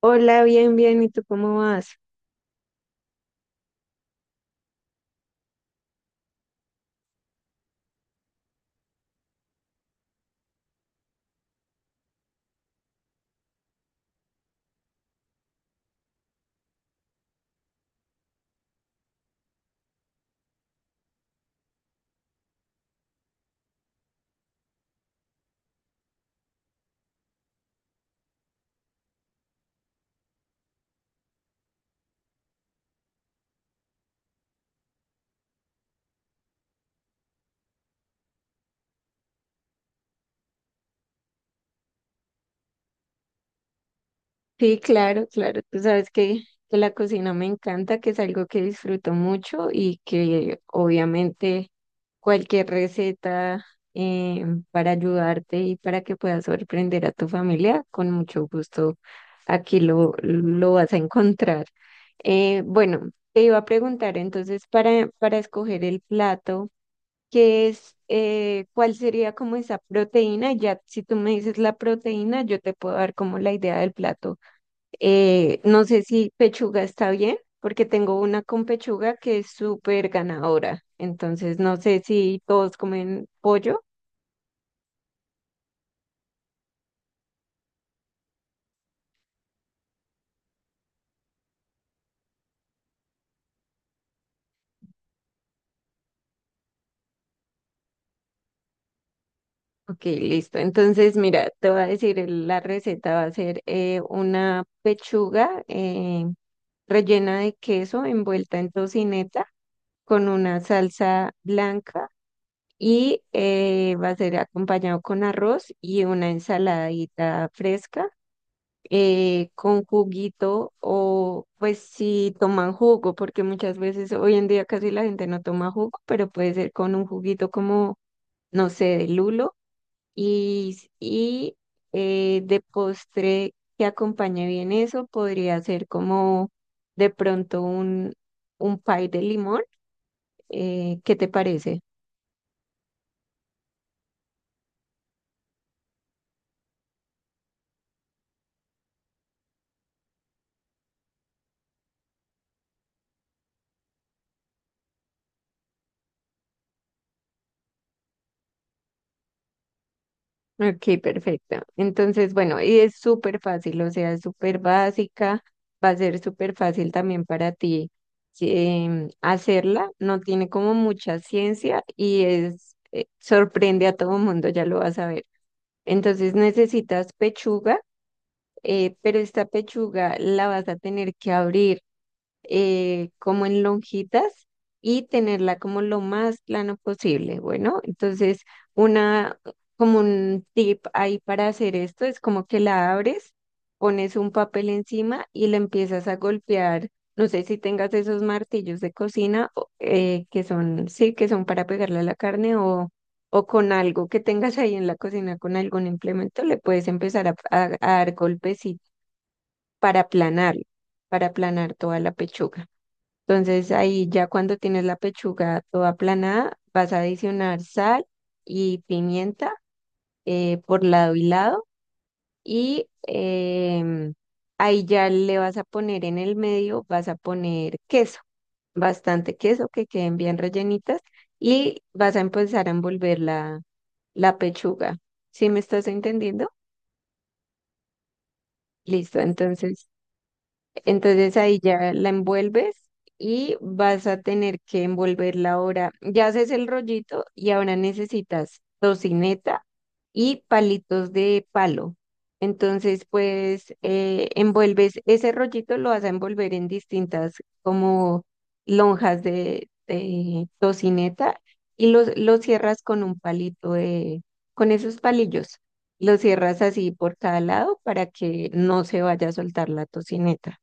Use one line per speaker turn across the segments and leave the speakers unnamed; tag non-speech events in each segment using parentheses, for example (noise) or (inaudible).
Hola, bien, bien, ¿y tú cómo vas? Sí, claro, claro, tú sabes que la cocina me encanta, que es algo que disfruto mucho y que obviamente cualquier receta eh, para ayudarte y para que puedas sorprender a tu familia, con mucho gusto aquí lo vas a encontrar. Bueno, te iba a preguntar entonces para escoger el plato. Que es cuál sería como esa proteína. Y ya si tú me dices la proteína, yo te puedo dar como la idea del plato. No sé si pechuga está bien, porque tengo una con pechuga que es súper ganadora. Entonces, no sé si todos comen pollo. Ok, listo. Entonces, mira, te voy a decir, la receta va a ser una pechuga rellena de queso envuelta en tocineta con una salsa blanca y va a ser acompañado con arroz y una ensaladita fresca con juguito o pues si toman jugo, porque muchas veces hoy en día casi la gente no toma jugo, pero puede ser con un juguito como, no sé, de lulo y de postre que acompañe bien eso, podría ser como de pronto un pie de limón. ¿Qué te parece? Ok, perfecto. Entonces, bueno, y es súper fácil, o sea, es súper básica, va a ser súper fácil también para ti hacerla, no tiene como mucha ciencia y sorprende a todo mundo, ya lo vas a ver. Entonces necesitas pechuga, pero esta pechuga la vas a tener que abrir como en lonjitas y tenerla como lo más plano posible. Bueno, entonces una, como un tip ahí para hacer esto es como que la abres, pones un papel encima y la empiezas a golpear. No sé si tengas esos martillos de cocina que son, sí, que son para pegarle a la carne o con algo que tengas ahí en la cocina, con algún implemento, le puedes empezar a dar golpes y para aplanar, para aplanar toda la pechuga. Entonces ahí ya cuando tienes la pechuga toda aplanada, vas a adicionar sal y pimienta por lado y lado y ahí ya le vas a poner en el medio, vas a poner queso, bastante queso que queden bien rellenitas y vas a empezar a envolver la pechuga. ¿Sí me estás entendiendo? Listo, entonces. Entonces ahí ya la envuelves y vas a tener que envolverla ahora. Ya haces el rollito y ahora necesitas tocineta y palitos de palo. Entonces, pues envuelves ese rollito, lo vas a envolver en distintas como lonjas de tocineta y lo cierras con un palito de, con esos palillos. Lo cierras así por cada lado para que no se vaya a soltar la tocineta.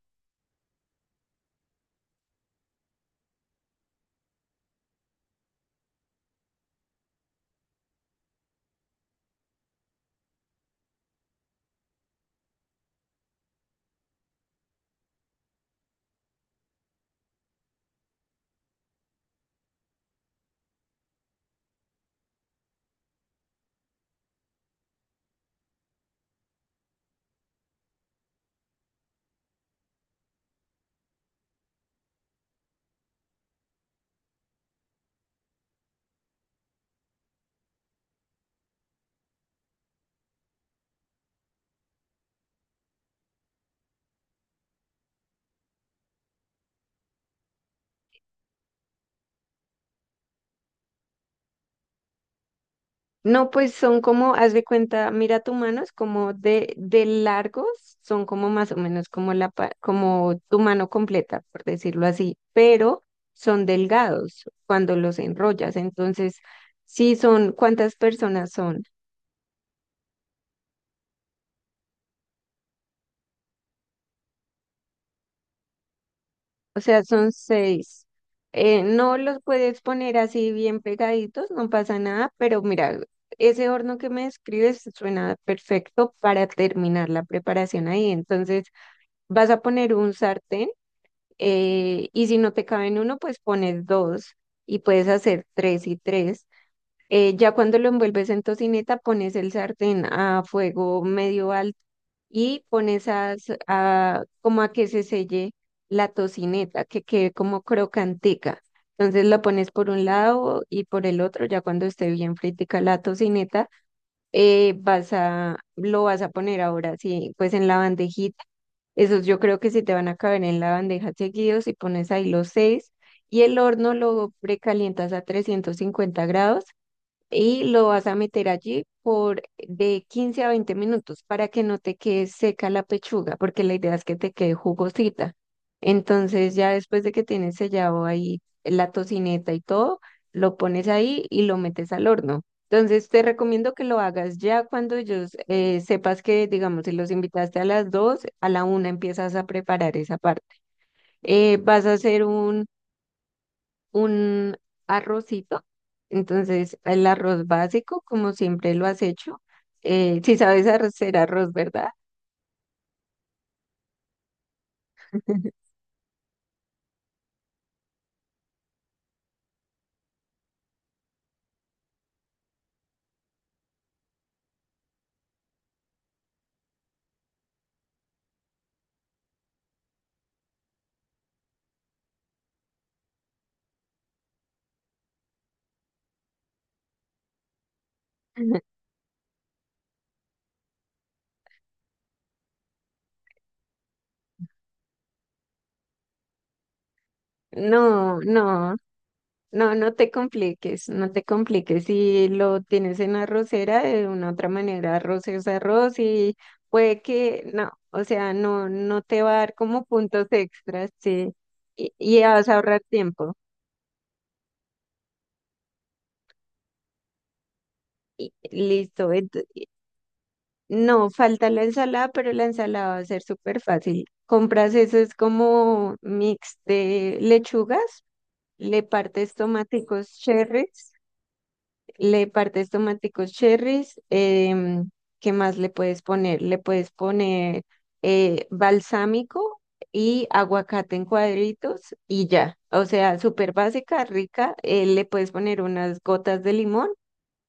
No, pues son como, haz de cuenta, mira tu mano, es como de largos, son como más o menos como como tu mano completa, por decirlo así, pero son delgados cuando los enrollas. Entonces, sí son, ¿cuántas personas son? O sea, son seis. No los puedes poner así bien pegaditos, no pasa nada, pero mira, ese horno que me describes suena perfecto para terminar la preparación ahí. Entonces, vas a poner un sartén. Y si no te caben uno, pues pones dos y puedes hacer tres y tres. Ya cuando lo envuelves en tocineta, pones el sartén a fuego medio alto y pones como a que se selle la tocineta, que quede como crocantica. Entonces la pones por un lado y por el otro, ya cuando esté bien fritica la tocineta lo vas a poner ahora, sí, pues en la bandejita. Esos yo creo que sí te van a caber en la bandeja seguidos y pones ahí los seis y el horno lo precalientas a 350 grados y lo vas a meter allí por de 15 a 20 minutos para que no te quede seca la pechuga, porque la idea es que te quede jugosita. Entonces ya después de que tienes sellado ahí la tocineta y todo, lo pones ahí y lo metes al horno. Entonces te recomiendo que lo hagas ya cuando ellos sepas que, digamos, si los invitaste a las 2 a la una empiezas a preparar esa parte. Vas a hacer un arrocito. Entonces, el arroz básico, como siempre lo has hecho. Si sabes hacer arroz, ¿verdad? (laughs) No, no, no, no te compliques, no te compliques. Si lo tienes en arrocera, de una u otra manera, arroz es arroz y puede que, no, o sea, no, no te va a dar como puntos extras, sí, y vas a ahorrar tiempo. Y listo. No, falta la ensalada, pero la ensalada va a ser súper fácil. Compras eso, es como mix de lechugas, le partes tomáticos cherries, le partes tomáticos cherries, ¿qué más le puedes poner? Le puedes poner balsámico y aguacate en cuadritos y ya. O sea, súper básica, rica. Le puedes poner unas gotas de limón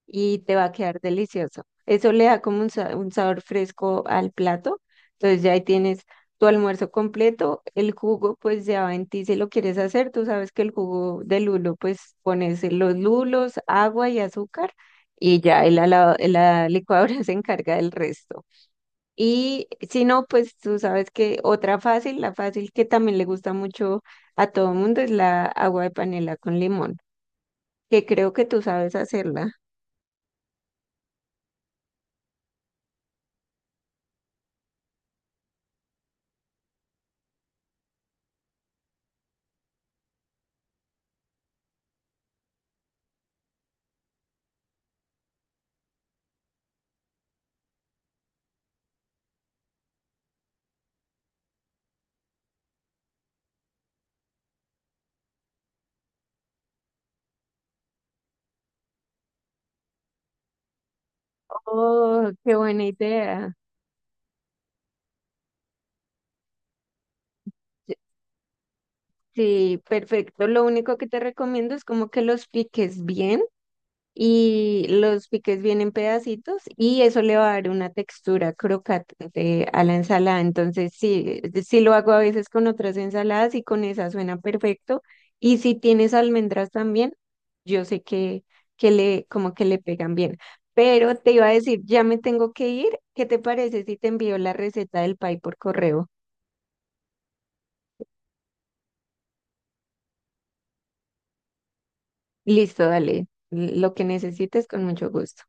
y te va a quedar delicioso. Eso le da como un, un sabor fresco al plato. Entonces ya ahí tienes tu almuerzo completo. El jugo, pues ya va en ti si lo quieres hacer. Tú sabes que el jugo de lulo, pues pones los lulos, agua y azúcar y ya la licuadora (laughs) se encarga del resto. Y si no, pues tú sabes que otra fácil, la fácil que también le gusta mucho a todo el mundo es la agua de panela con limón, que creo que tú sabes hacerla. Oh, qué buena idea. Sí, sí, perfecto. Lo único que te recomiendo es como que los piques bien y los piques bien en pedacitos y eso le va a dar una textura crocante a la ensalada. Entonces, sí, sí lo hago a veces con otras ensaladas y con esa suena perfecto. Y si tienes almendras también, yo sé que le, como que le pegan bien. Pero te iba a decir, ya me tengo que ir. ¿Qué te parece si te envío la receta del pie por correo? Listo, dale. Lo que necesites con mucho gusto.